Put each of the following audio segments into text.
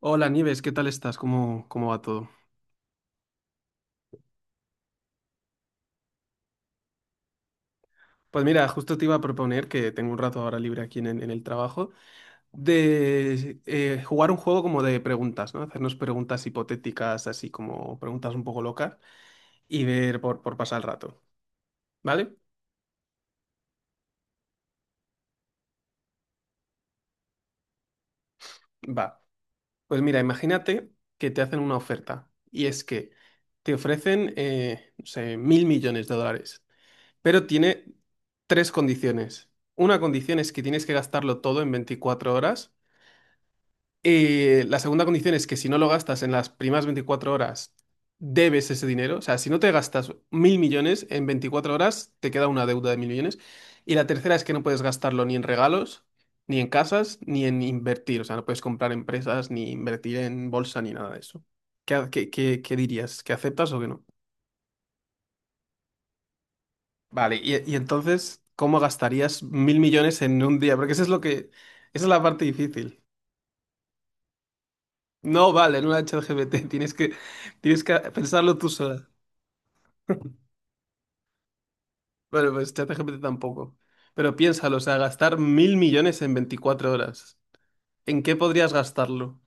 Hola Nieves, ¿qué tal estás? ¿Cómo va todo? Pues mira, justo te iba a proponer que tengo un rato ahora libre aquí en el trabajo, de jugar un juego como de preguntas, ¿no? Hacernos preguntas hipotéticas, así como preguntas un poco locas, y ver por pasar el rato, ¿vale? Va. Pues mira, imagínate que te hacen una oferta, y es que te ofrecen, no sé, mil millones de dólares, pero tiene tres condiciones. Una condición es que tienes que gastarlo todo en 24 horas. La segunda condición es que si no lo gastas en las primeras 24 horas, debes ese dinero. O sea, si no te gastas mil millones en 24 horas, te queda una deuda de mil millones. Y la tercera es que no puedes gastarlo ni en regalos, ni en casas, ni en invertir. O sea, no puedes comprar empresas, ni invertir en bolsa, ni nada de eso. ¿Qué, ha- qué- qué- qué dirías? ¿Que aceptas o que no? Vale, y entonces, ¿cómo gastarías mil millones en un día? Porque eso es lo que, esa es la parte difícil. No vale, no la ChatGPT, tienes que pensarlo tú sola. Bueno, pues ChatGPT tampoco. Pero piénsalo, o sea, gastar mil millones en 24 horas. ¿En qué podrías gastarlo?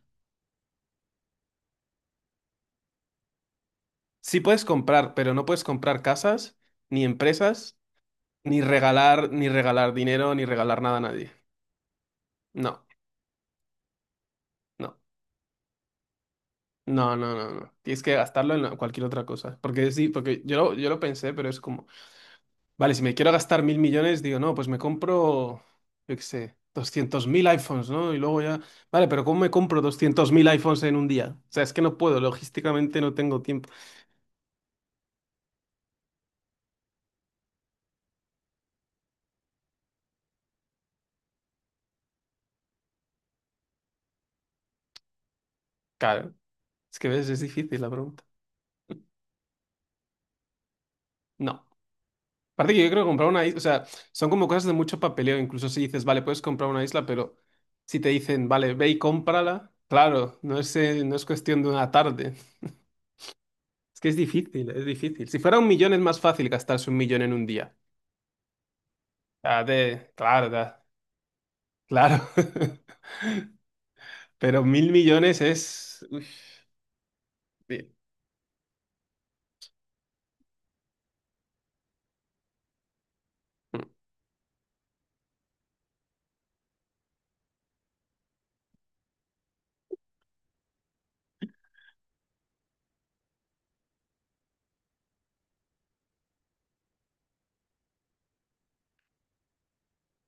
Sí puedes comprar, pero no puedes comprar casas, ni empresas, ni regalar, ni regalar dinero, ni regalar nada a nadie. No, no, no, no, no, no. Tienes que gastarlo en cualquier otra cosa. Porque sí, porque yo lo pensé, pero es como. Vale, si me quiero gastar mil millones, digo, no, pues me compro, yo qué sé, 200.000 iPhones, ¿no? Y luego ya, vale, pero ¿cómo me compro 200.000 iPhones en un día? O sea, es que no puedo, logísticamente no tengo tiempo. Claro, es que ves, es difícil la pregunta. No. Aparte que yo creo que comprar una isla, o sea, son como cosas de mucho papeleo, incluso si dices, vale, puedes comprar una isla, pero si te dicen, vale, ve y cómprala, claro, no es cuestión de una tarde. Es que es difícil, es difícil. Si fuera un millón es más fácil gastarse un millón en un día. Ah, de, claro, Claro, pero mil millones es. Uy, bien.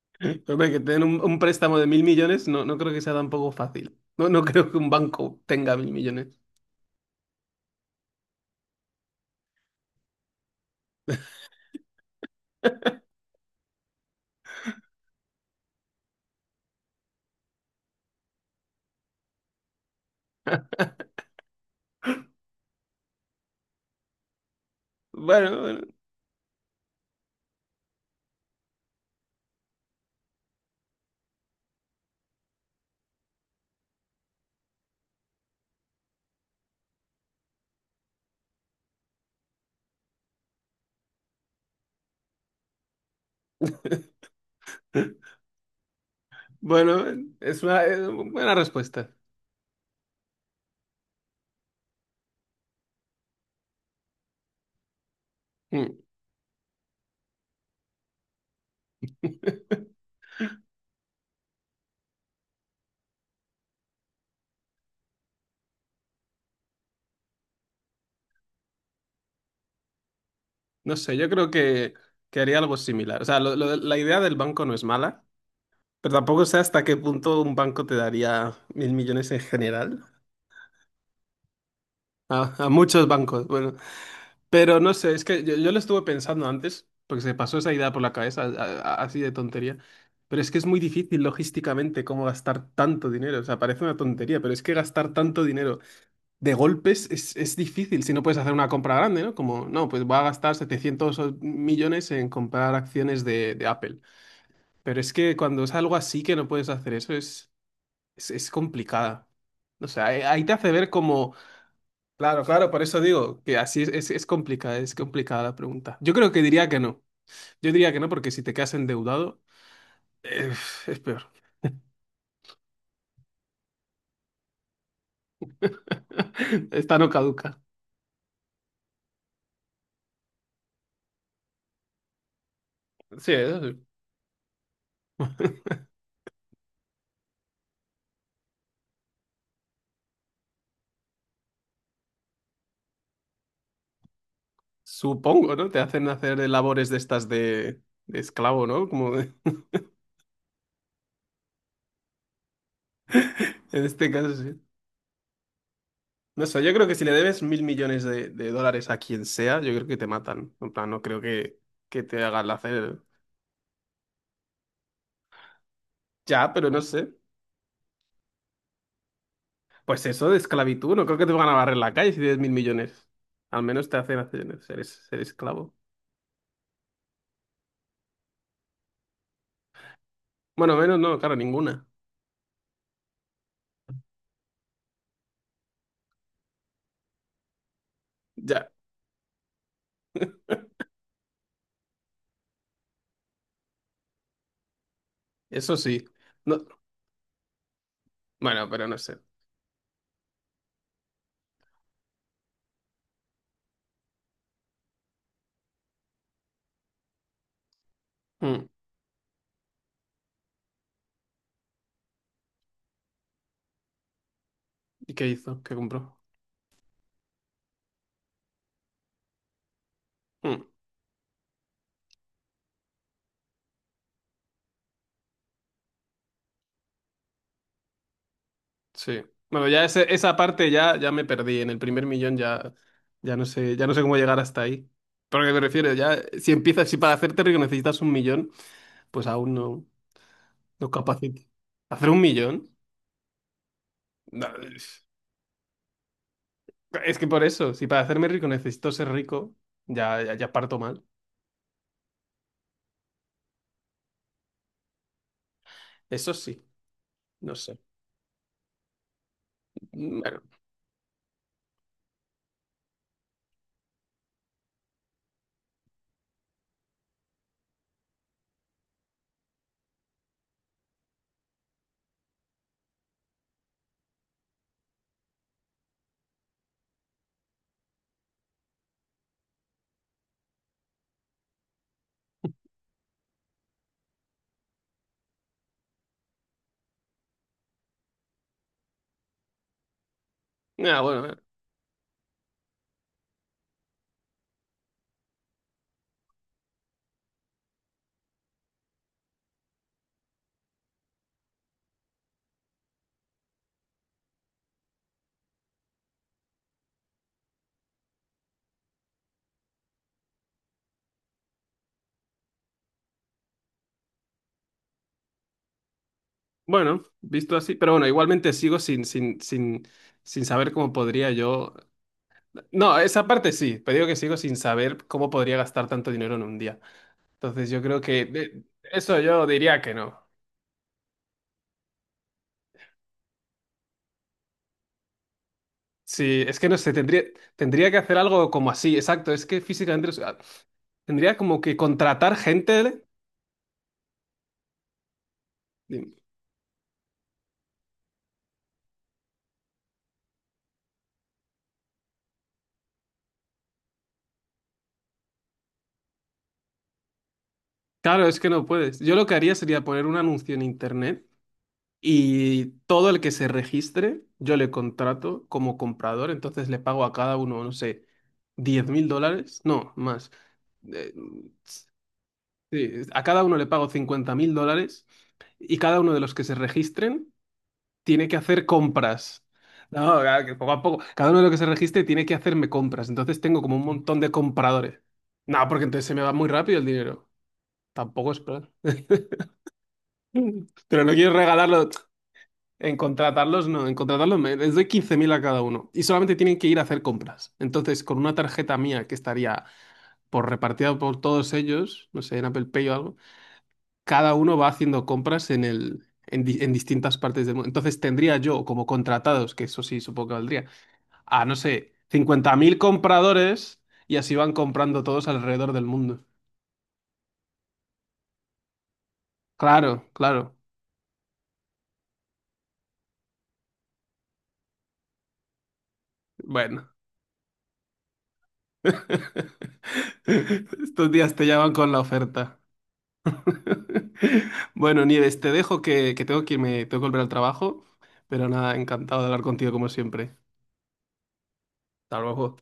Hombre, que te den un préstamo de mil millones no, no creo que sea tampoco fácil. No, no creo que un banco tenga mil millones. Bueno, bueno, Bueno, es una buena respuesta. Mm. No sé, yo creo que haría algo similar. O sea, lo la idea del banco no es mala, pero tampoco sé hasta qué punto un banco te daría mil millones en general. A muchos bancos. Bueno. Pero no sé, es que yo lo estuve pensando antes, porque se pasó esa idea por la cabeza, así de tontería. Pero es que es muy difícil logísticamente cómo gastar tanto dinero. O sea, parece una tontería, pero es que gastar tanto dinero de golpes es difícil si no puedes hacer una compra grande, ¿no? Como, no, pues voy a gastar 700 millones en comprar acciones de Apple. Pero es que cuando es algo así que no puedes hacer eso, es complicada. O sea, ahí te hace ver como. Claro, claro, por eso digo que así es complicada, es complicada la pregunta. Yo creo que diría que no. Yo diría que no porque si te quedas endeudado, eh, es peor. Esta no caduca. Sí, eso sí. Supongo, ¿no? Te hacen hacer labores de estas de esclavo, ¿no? Como de. En este caso, sí. No sé, yo creo que si le debes mil millones de dólares a quien sea, yo creo que te matan. En plan, no creo que te hagan hacer ya, pero no sé. Pues eso de esclavitud, no creo que te van a barrer la calle si tienes mil millones. Al menos te hacen hacer, ser, ser esclavo. Bueno, menos no, claro, ninguna. Ya, eso sí. No, bueno, pero no sé. Mm. ¿Y qué hizo? ¿Qué compró? Mm. Sí. Bueno, ya esa parte ya, ya me perdí. En el primer millón ya, ya no sé cómo llegar hasta ahí. Pero ¿a qué me refiero? Ya, si para hacerte rico necesitas un millón, pues aún no, no capacito. ¿Hacer un millón? No. Es que por eso, si para hacerme rico necesito ser rico, ya, ya, ya parto mal. Eso sí, no sé. Bueno, ah, bueno. Bueno, visto así, pero bueno, igualmente sigo sin saber cómo podría yo. No, esa parte sí, pero digo que sigo sin saber cómo podría gastar tanto dinero en un día. Entonces yo creo que eso yo diría que no. Sí, es que no sé, tendría que hacer algo como así, exacto. Es que físicamente, o sea, tendría como que contratar gente. Claro, es que no puedes. Yo lo que haría sería poner un anuncio en internet y todo el que se registre, yo le contrato como comprador, entonces le pago a cada uno, no sé, 10.000 dólares, no, más. Eh, sí, a cada uno le pago 50.000 dólares y cada uno de los que se registren tiene que hacer compras. No, claro, que poco a poco, cada uno de los que se registre tiene que hacerme compras, entonces tengo como un montón de compradores. No, porque entonces se me va muy rápido el dinero. Tampoco es plan. Pero no quiero regalarlo. En contratarlos, no. En contratarlos les doy 15.000 a cada uno. Y solamente tienen que ir a hacer compras. Entonces, con una tarjeta mía que estaría por repartida por todos ellos, no sé, en Apple Pay o algo, cada uno va haciendo compras en el, en, di- en distintas partes del mundo. Entonces, tendría yo como contratados, que eso sí supongo que valdría, a, no sé, 50.000 compradores y así van comprando todos alrededor del mundo. Claro, claro. Bueno. Estos días te llaman con la oferta. Bueno, Nieves, te dejo que tengo que irme, tengo que volver al trabajo, pero nada, encantado de hablar contigo como siempre. Hasta luego.